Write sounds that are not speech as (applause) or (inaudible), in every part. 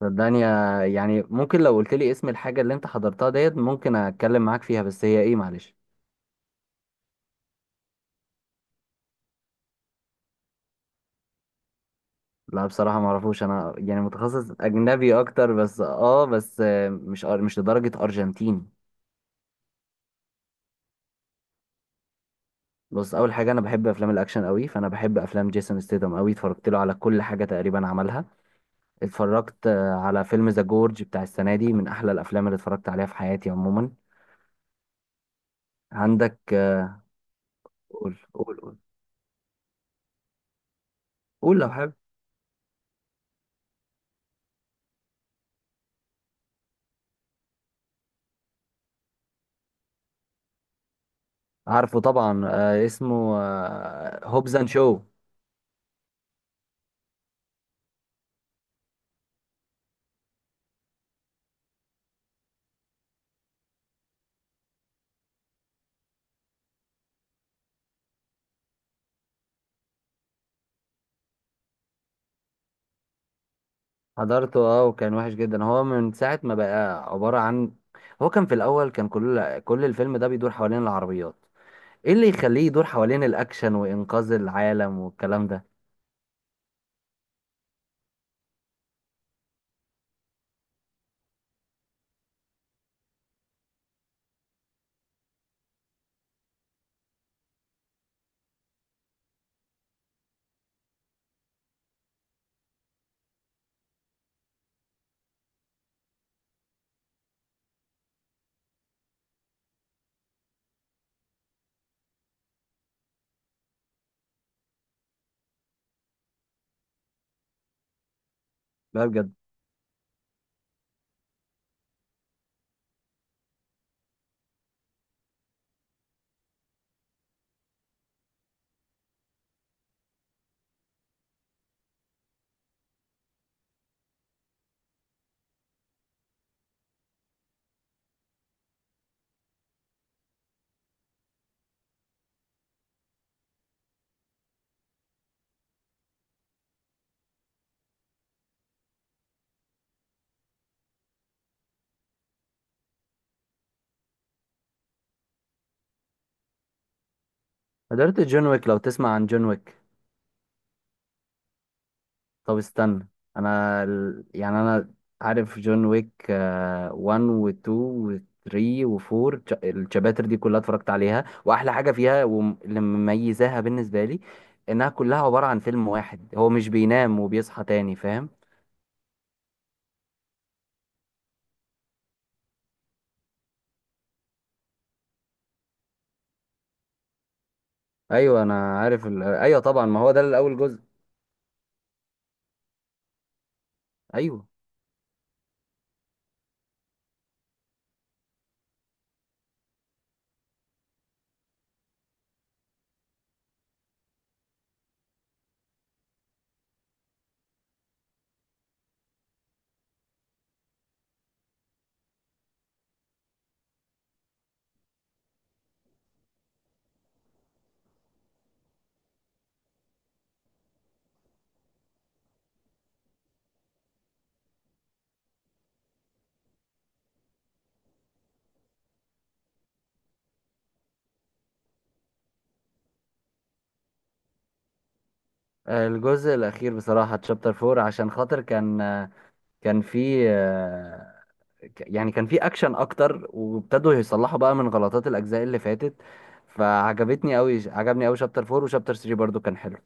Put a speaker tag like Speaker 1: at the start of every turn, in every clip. Speaker 1: صدقني يعني ممكن لو قلت لي اسم الحاجة اللي انت حضرتها ديت ممكن اتكلم معاك فيها، بس هي ايه؟ معلش. لا، بصراحة ما اعرفوش، انا يعني متخصص اجنبي اكتر، بس مش لدرجة ارجنتين. بص، اول حاجة انا بحب افلام الاكشن قوي، فانا بحب افلام جيسون ستيدم قوي، اتفرجت له على كل حاجة تقريبا عملها. اتفرجت على فيلم ذا جورج بتاع السنة دي، من احلى الافلام اللي اتفرجت عليها في حياتي عموما. عندك. قول، قول، قول. قول لو حابب. عارفه طبعا، اسمه هوبز اند شو. حضرته اه، وكان وحش جدا. هو من ساعة ما بقى عبارة عن، هو كان في الأول كان كل الفيلم ده بيدور حوالين العربيات، ايه اللي يخليه يدور حوالين الأكشن وإنقاذ العالم والكلام ده؟ لا بجد. حضرت جون ويك، لو تسمع عن جون ويك. طب استنى، انا ال- يعني انا عارف جون ويك 1 و2 و3 و4، الشابتر دي كلها اتفرجت عليها، واحلى حاجه فيها واللي مميزاها بالنسبه لي انها كلها عباره عن فيلم واحد، هو مش بينام وبيصحى تاني، فاهم؟ ايوه انا عارف. ايوه طبعا، ما هو ده الاول جزء. ايوه. الجزء الاخير بصراحه تشابتر 4، عشان خاطر كان آه، كان في آه، يعني كان في اكشن اكتر، وابتدوا يصلحوا بقى من غلطات الاجزاء اللي فاتت، فعجبتني قوي. عجبني قوي شابتر 4، وشابتر 3 برضو كان حلو.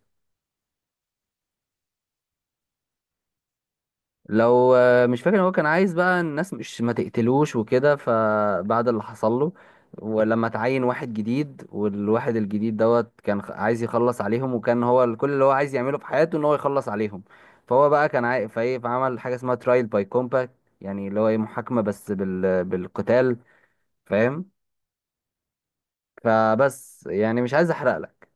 Speaker 1: لو مش فاكر، إن هو كان عايز بقى الناس مش ما تقتلوش وكده، فبعد اللي حصل له ولما تعين واحد جديد، والواحد الجديد دوت كان عايز يخلص عليهم، وكان هو ال- كل اللي هو عايز يعمله في حياته ان هو يخلص عليهم. فهو بقى كان عاي... فايه فعمل حاجه اسمها ترايل باي كومباكت، يعني اللي هو ايه محاكمه بالقتال، فاهم؟ فبس يعني مش عايز احرق لك.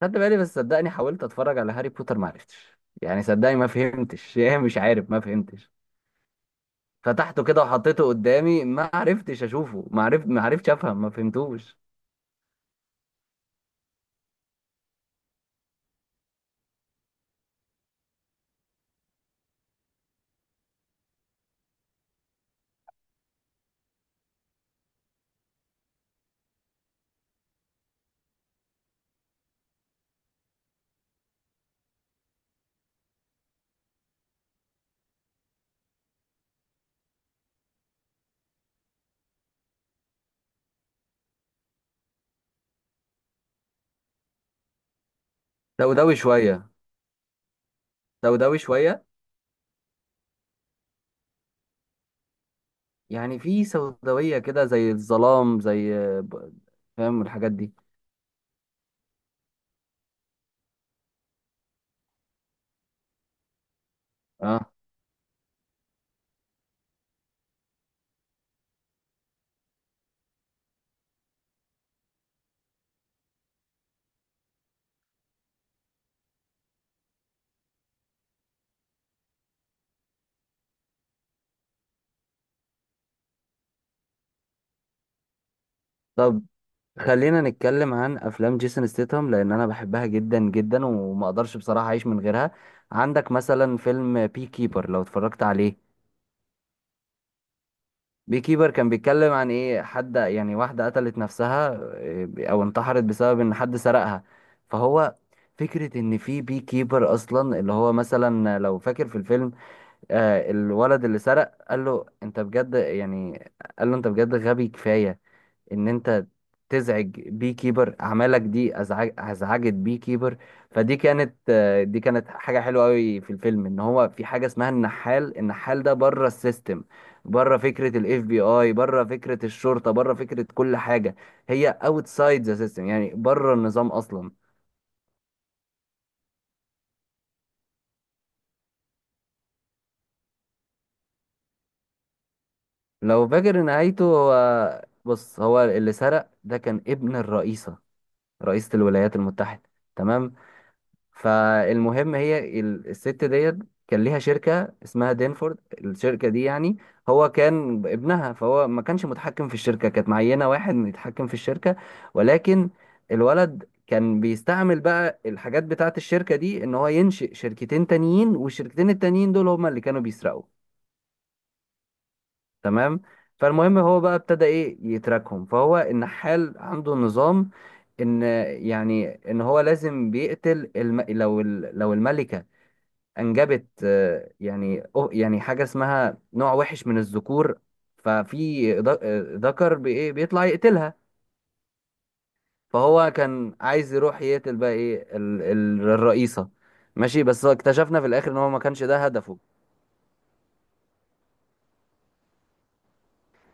Speaker 1: خدت بالي، بس صدقني حاولت اتفرج على هاري بوتر ما عرفتش، يعني صدقني ما فهمتش (laughs) يعني مش عارف، ما فهمتش. فتحته كده وحطيته قدامي ما عرفتش اشوفه، ما عرفتش افهم، ما فهمتوش. سوداوي شويه. سوداوي شويه. يعني في سوداويه كده، زي الظلام، ب- فاهم الحاجات دي. اه. طب خلينا نتكلم عن افلام جيسون ستيتهم، لان انا بحبها جدا جدا وما اقدرش بصراحه اعيش من غيرها. عندك مثلا فيلم بي كيبر لو اتفرجت عليه. بي كيبر كان بيتكلم عن ايه؟ حد يعني، واحده قتلت نفسها، او انتحرت بسبب ان حد سرقها. فهو فكره ان في بي كيبر اصلا اللي هو مثلا، لو فاكر في الفيلم، الولد اللي سرق قال له انت بجد يعني، قال له انت بجد غبي كفايه ان انت تزعج بي كيبر؟ اعمالك دي ازعجت بي كيبر. فدي كانت آه، دي كانت حاجه حلوه قوي في الفيلم، ان هو في حاجه اسمها النحال. النحال ده بره السيستم، بره فكره الاف بي اي، بره فكره الشرطه، بره فكره كل حاجه. هي اوتسايد ذا سيستم، يعني بره النظام اصلا. لو فاكر نهايته، هو بص، هو اللي سرق ده كان ابن الرئيسه، رئيسه الولايات المتحده. تمام. فالمهم هي الست ديت كان ليها شركة اسمها دينفورد. الشركة دي يعني، هو كان ابنها، فهو ما كانش متحكم في الشركة، كانت معينة واحد إنه يتحكم في الشركة. ولكن الولد كان بيستعمل بقى الحاجات بتاعة الشركة دي ان هو ينشئ شركتين تانيين، والشركتين التانيين دول هما اللي كانوا بيسرقوا. تمام. فالمهم هو بقى ابتدى يتراكهم. فهو النحال عنده نظام، ان يعني ان هو لازم بيقتل لو الملكة انجبت، يعني حاجه اسمها نوع وحش من الذكور، ففي ذكر بيطلع يقتلها. فهو كان عايز يروح يقتل بقى الرئيسه، ماشي؟ بس هو اكتشفنا في الاخر ان هو ما كانش ده هدفه.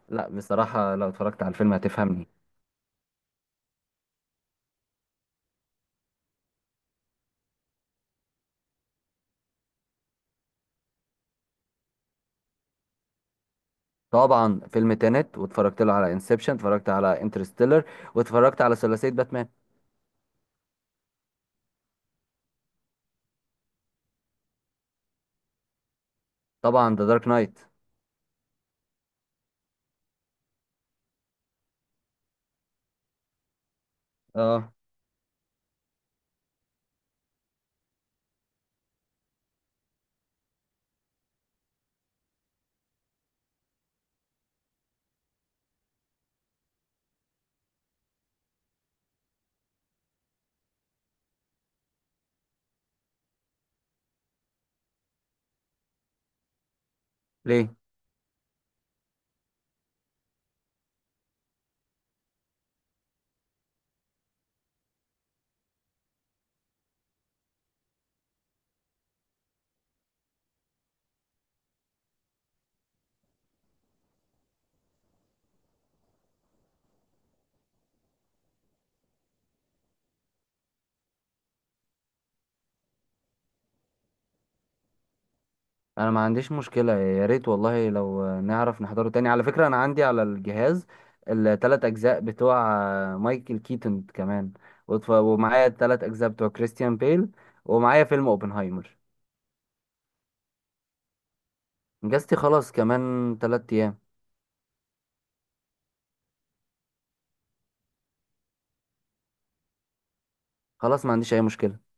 Speaker 1: لا بصراحه لو اتفرجت على الفيلم هتفهمني. طبعا، فيلم تينت، واتفرجت له على انسبشن، اتفرجت على انترستيلر، واتفرجت على ثلاثيه باتمان. طبعا، ذا دارك نايت. اه. ليه. انا ما عنديش مشكلة، يا ريت والله لو نعرف نحضره تاني. على فكرة انا عندي على الجهاز التلات اجزاء بتوع مايكل كيتون كمان، ومعايا التلات اجزاء بتوع كريستيان بيل، ومعايا فيلم اوبنهايمر. اجازتي خلاص كمان 3 ايام. خلاص ما عنديش اي مشكلة.